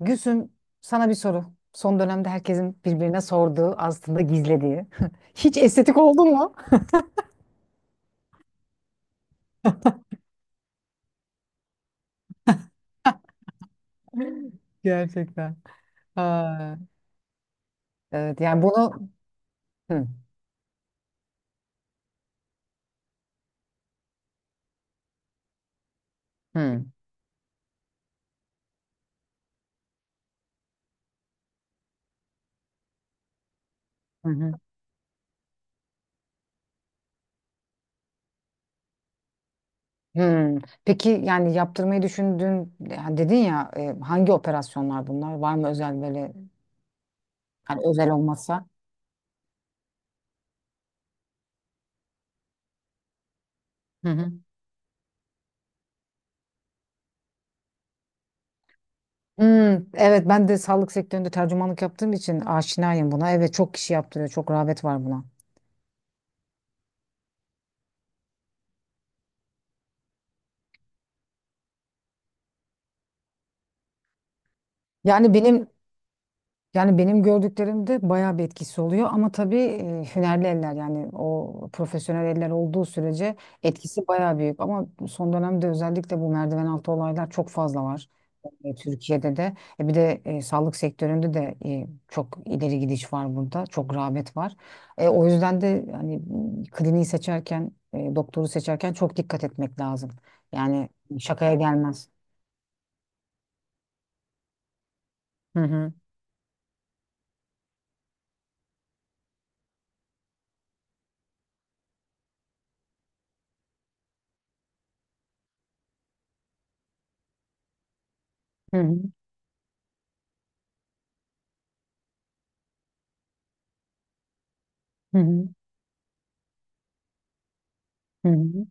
Gülsüm sana bir soru. Son dönemde herkesin birbirine sorduğu, aslında gizlediği. Hiç estetik oldun mu? Gerçekten. Ha. Evet, yani bunu Hı, hı, hı, hı. Hı. Peki yani yaptırmayı düşündün yani dedin ya hangi operasyonlar bunlar? Var mı özel böyle hani özel olmazsa? Hı hı. Hı, evet, ben de sağlık sektöründe tercümanlık yaptığım için aşinayım buna. Evet, çok kişi yaptırıyor. Çok rağbet var buna. Yani benim Yani benim gördüklerimde bayağı bir etkisi oluyor, ama tabii hünerli eller, yani o profesyonel eller olduğu sürece etkisi bayağı büyük. Ama son dönemde özellikle bu merdiven altı olaylar çok fazla var. Türkiye'de de bir de sağlık sektöründe de çok ileri gidiş var burada. Çok rağbet var. O yüzden de hani kliniği seçerken, doktoru seçerken çok dikkat etmek lazım. Yani şakaya gelmez. Hı hı. Hı hı. Hı hı. Hı hı.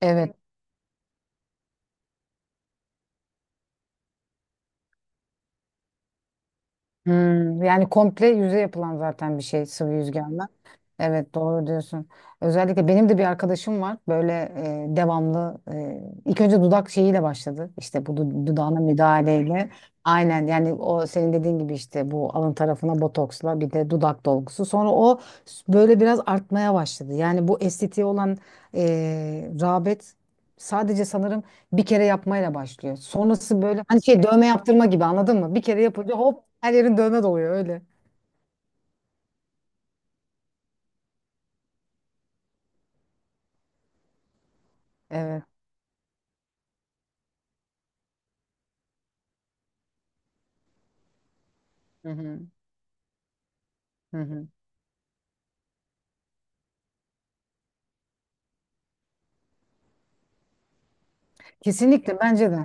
Evet. Yani komple yüze yapılan zaten bir şey sıvı yüzgerme. Evet, doğru diyorsun. Özellikle benim de bir arkadaşım var. Böyle devamlı ilk önce dudak şeyiyle başladı. İşte bu dudağına müdahaleyle. Aynen, yani o senin dediğin gibi işte bu alın tarafına botoksla bir de dudak dolgusu. Sonra o böyle biraz artmaya başladı. Yani bu estetiğe olan rağbet sadece sanırım bir kere yapmayla başlıyor. Sonrası böyle hani şey dövme yaptırma gibi, anladın mı? Bir kere yapınca hop her yerin dövme doluyor öyle. Evet. Hı hı. Hı hı. Kesinlikle, bence de.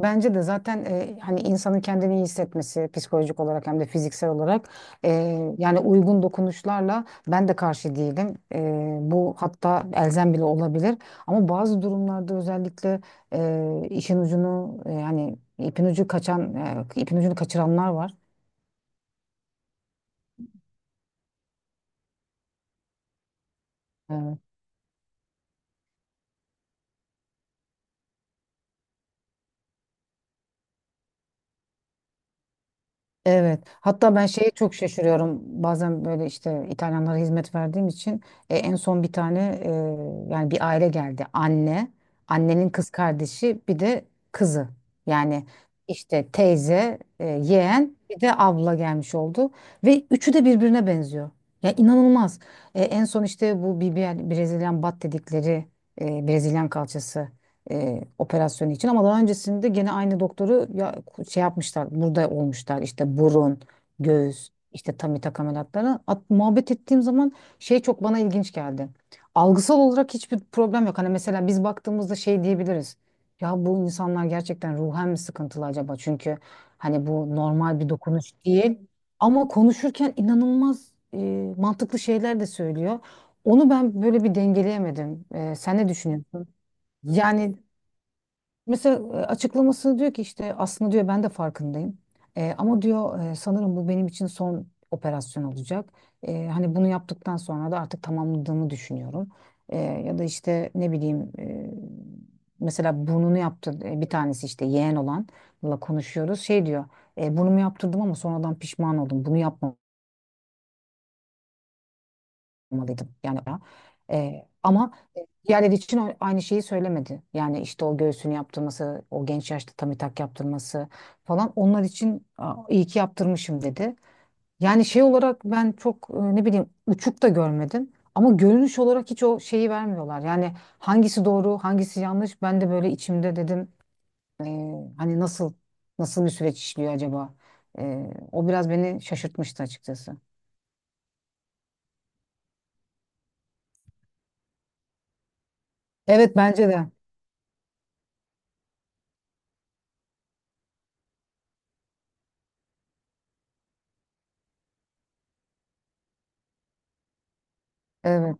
Bence de zaten hani insanın kendini iyi hissetmesi psikolojik olarak hem de fiziksel olarak e, yani uygun dokunuşlarla ben de karşı değilim. Bu hatta elzem bile olabilir. Ama bazı durumlarda özellikle işin ucunu yani ipin ucu kaçan ipin ucunu kaçıranlar var. Evet. Evet. Hatta ben şeye çok şaşırıyorum. Bazen böyle işte İtalyanlara hizmet verdiğim için en son bir tane yani bir aile geldi. Anne, annenin kız kardeşi, bir de kızı. Yani işte teyze, yeğen, bir de abla gelmiş oldu ve üçü de birbirine benziyor. Ya inanılmaz. En son işte bu BBL Brezilyan bat dedikleri Brezilyan kalçası operasyonu için, ama daha öncesinde gene aynı doktoru ya, şey yapmışlar, burada olmuşlar işte burun, göğüs, işte tamitak ameliyatları. At, muhabbet ettiğim zaman şey çok bana ilginç geldi. Algısal olarak hiçbir problem yok. Hani mesela biz baktığımızda şey diyebiliriz. Ya bu insanlar gerçekten ruhen mi sıkıntılı acaba? Çünkü hani bu normal bir dokunuş değil. Ama konuşurken inanılmaz mantıklı şeyler de söylüyor. Onu ben böyle bir dengeleyemedim. Sen ne düşünüyorsun? Yani mesela açıklaması diyor ki işte aslında diyor ben de farkındayım. Ama diyor sanırım bu benim için son operasyon olacak. Hani bunu yaptıktan sonra da artık tamamladığımı düşünüyorum. Ya da işte ne bileyim mesela burnunu yaptı bir tanesi, işte yeğen olanla konuşuyoruz. Şey diyor burnumu yaptırdım ama sonradan pişman oldum. Bunu yapmamalıydım yani. Ama diğerleri için aynı şeyi söylemedi. Yani işte o göğsünü yaptırması, o genç yaşta tummy tuck yaptırması falan, onlar için "Aa, iyi ki yaptırmışım" dedi. Yani şey olarak ben çok ne bileyim uçuk da görmedim. Ama görünüş olarak hiç o şeyi vermiyorlar. Yani hangisi doğru, hangisi yanlış ben de böyle içimde dedim e, hani nasıl bir süreç işliyor acaba? O biraz beni şaşırtmıştı açıkçası. Evet, bence de. Evet.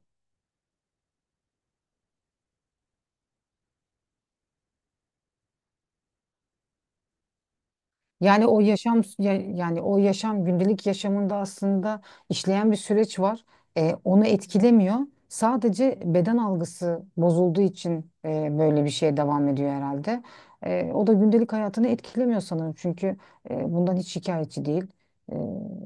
Yani o yaşam yani o yaşam gündelik yaşamında aslında işleyen bir süreç var. Onu etkilemiyor. Sadece beden algısı bozulduğu için böyle bir şey devam ediyor herhalde. O da gündelik hayatını etkilemiyor sanırım. Çünkü bundan hiç şikayetçi değil. E,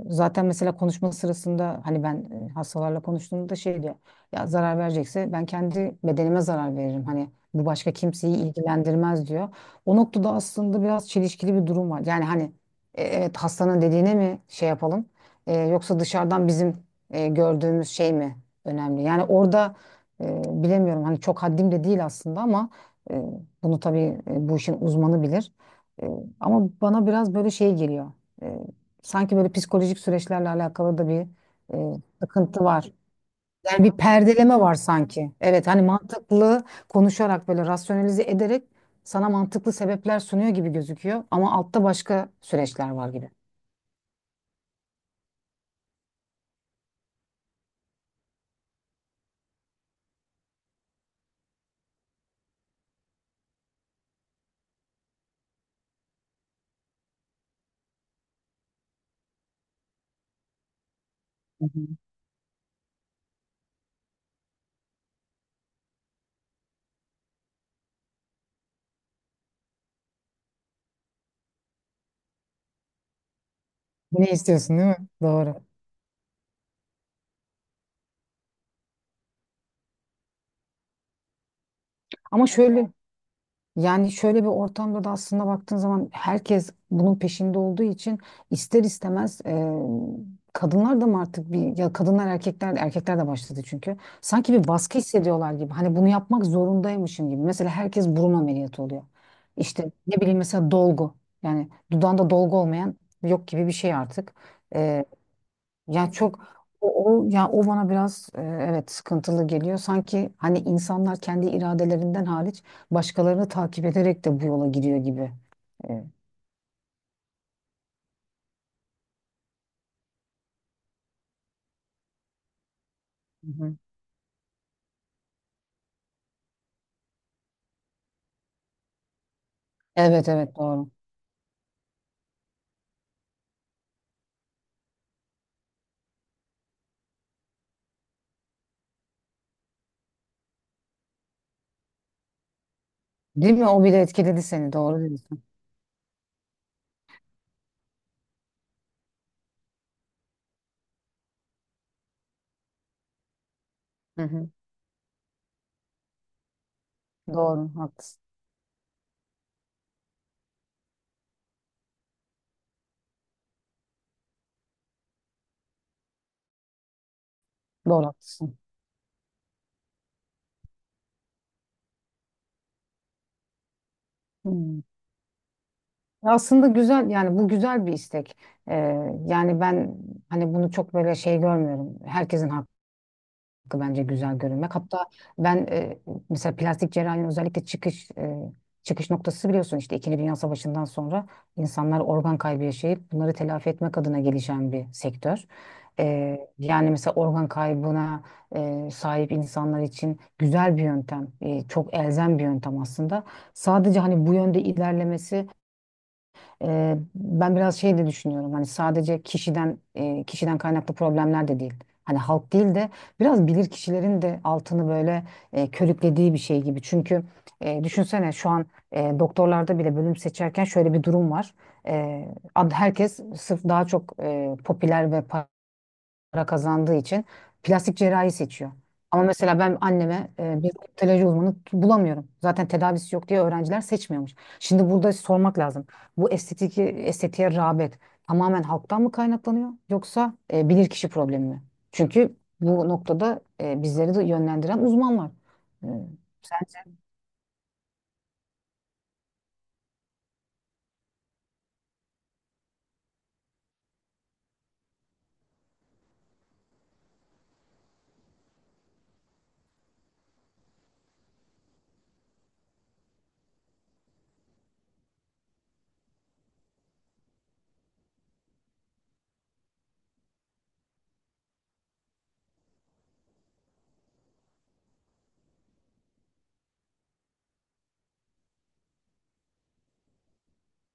Zaten mesela konuşma sırasında hani ben hastalarla konuştuğumda şey diyor. Ya zarar verecekse ben kendi bedenime zarar veririm. Hani bu başka kimseyi ilgilendirmez diyor. O noktada aslında biraz çelişkili bir durum var. Yani hani evet, hastanın dediğine mi şey yapalım yoksa dışarıdan bizim gördüğümüz şey mi önemli? Yani orada e, bilemiyorum, hani çok haddim de değil aslında, ama e, bunu tabii bu işin uzmanı bilir. E, Ama bana biraz böyle şey geliyor. E, Sanki böyle psikolojik süreçlerle alakalı da bir e, sıkıntı var. Yani bir perdeleme var sanki. Evet, hani mantıklı konuşarak, böyle rasyonalize ederek sana mantıklı sebepler sunuyor gibi gözüküyor, ama altta başka süreçler var gibi. Hı hı. Ne istiyorsun, değil mi? Doğru. Ama şöyle yani şöyle bir ortamda da aslında baktığın zaman herkes bunun peşinde olduğu için ister istemez kadınlar da mı artık bir ya kadınlar erkekler de başladı, çünkü sanki bir baskı hissediyorlar gibi, hani bunu yapmak zorundaymışım gibi, mesela herkes burun ameliyatı oluyor, işte ne bileyim mesela dolgu, yani dudağında dolgu olmayan yok gibi bir şey artık, ya çok ya o bana biraz evet, sıkıntılı geliyor. Sanki hani insanlar kendi iradelerinden hariç başkalarını takip ederek de bu yola giriyor gibi. E, Hı hı. Evet, evet, doğru. Değil mi? O bile etkiledi seni. Doğru diyorsun. Hı hı. Doğru, haklısın. Doğru, haklısın. Hmm. Aslında güzel, yani bu güzel bir istek. E, Yani ben hani bunu çok böyle şey görmüyorum. Herkesin hakkı, bence güzel görünmek. Hatta ben mesela plastik cerrahinin özellikle çıkış çıkış noktası biliyorsun işte İkinci Dünya Savaşı'ndan sonra insanlar organ kaybı yaşayıp bunları telafi etmek adına gelişen bir sektör. Yani mesela organ kaybına sahip insanlar için güzel bir yöntem, çok elzem bir yöntem aslında. Sadece hani bu yönde ilerlemesi ben biraz şey de düşünüyorum. Hani sadece kişiden kişiden kaynaklı problemler de değil. Hani halk değil de biraz bilir kişilerin de altını böyle körüklediği bir şey gibi. Çünkü düşünsene şu an doktorlarda bile bölüm seçerken şöyle bir durum var. Eee, Herkes sırf daha çok popüler ve para kazandığı için plastik cerrahi seçiyor. Ama mesela ben anneme bir optoloji uzmanı bulamıyorum. Zaten tedavisi yok diye öğrenciler seçmiyormuş. Şimdi burada sormak lazım. Bu estetiğe rağbet tamamen halktan mı kaynaklanıyor, yoksa bilirkişi problemi mi? Çünkü bu noktada bizleri de yönlendiren uzman var. E, Sence?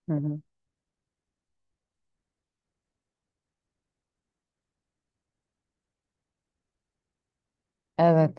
Hı hı. Evet.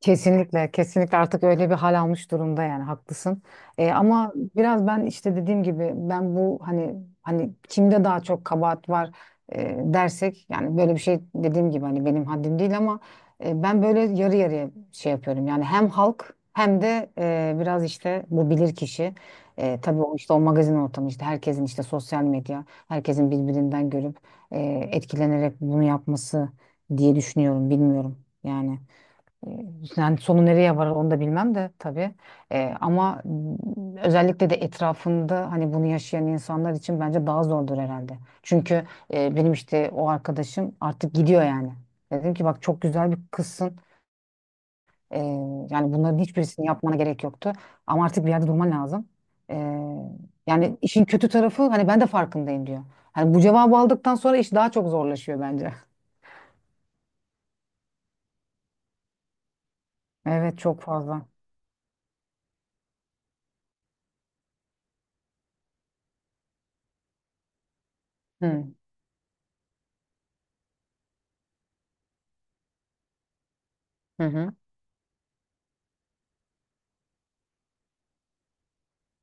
Kesinlikle, kesinlikle artık öyle bir hal almış durumda, yani haklısın. Ama biraz ben işte dediğim gibi ben bu hani kimde daha çok kabahat var dersek, yani böyle bir şey dediğim gibi hani benim haddim değil, ama ben böyle yarı yarıya şey yapıyorum. Yani hem halk, hem de biraz işte bu bilir kişi. Tabii o işte o magazin ortamı, işte herkesin işte sosyal medya, herkesin birbirinden görüp e, etkilenerek bunu yapması diye düşünüyorum, bilmiyorum yani. Yani sonu nereye varır onu da bilmem de tabii. Ama özellikle de etrafında hani bunu yaşayan insanlar için bence daha zordur herhalde. Çünkü benim işte o arkadaşım artık gidiyor yani. Dedim ki bak, çok güzel bir kızsın. Ee, Yani bunların hiçbirisini yapmana gerek yoktu. Ama artık bir yerde durman lazım. Ee, Yani işin kötü tarafı hani ben de farkındayım diyor. Hani bu cevabı aldıktan sonra iş daha çok zorlaşıyor bence. Evet, çok fazla. Hı hı. Hı.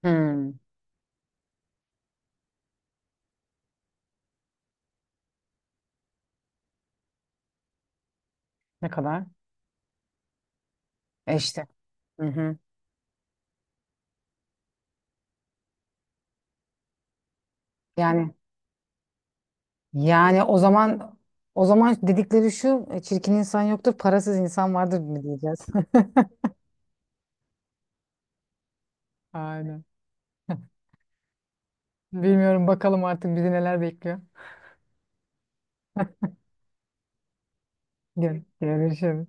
Hı. Ne kadar? E işte. Hı hı. Yani yani o zaman dedikleri şu, çirkin insan yoktur, parasız insan vardır mı diyeceğiz. Aynen. Bilmiyorum, bakalım artık bizi neler bekliyor. Gel, görüşürüz.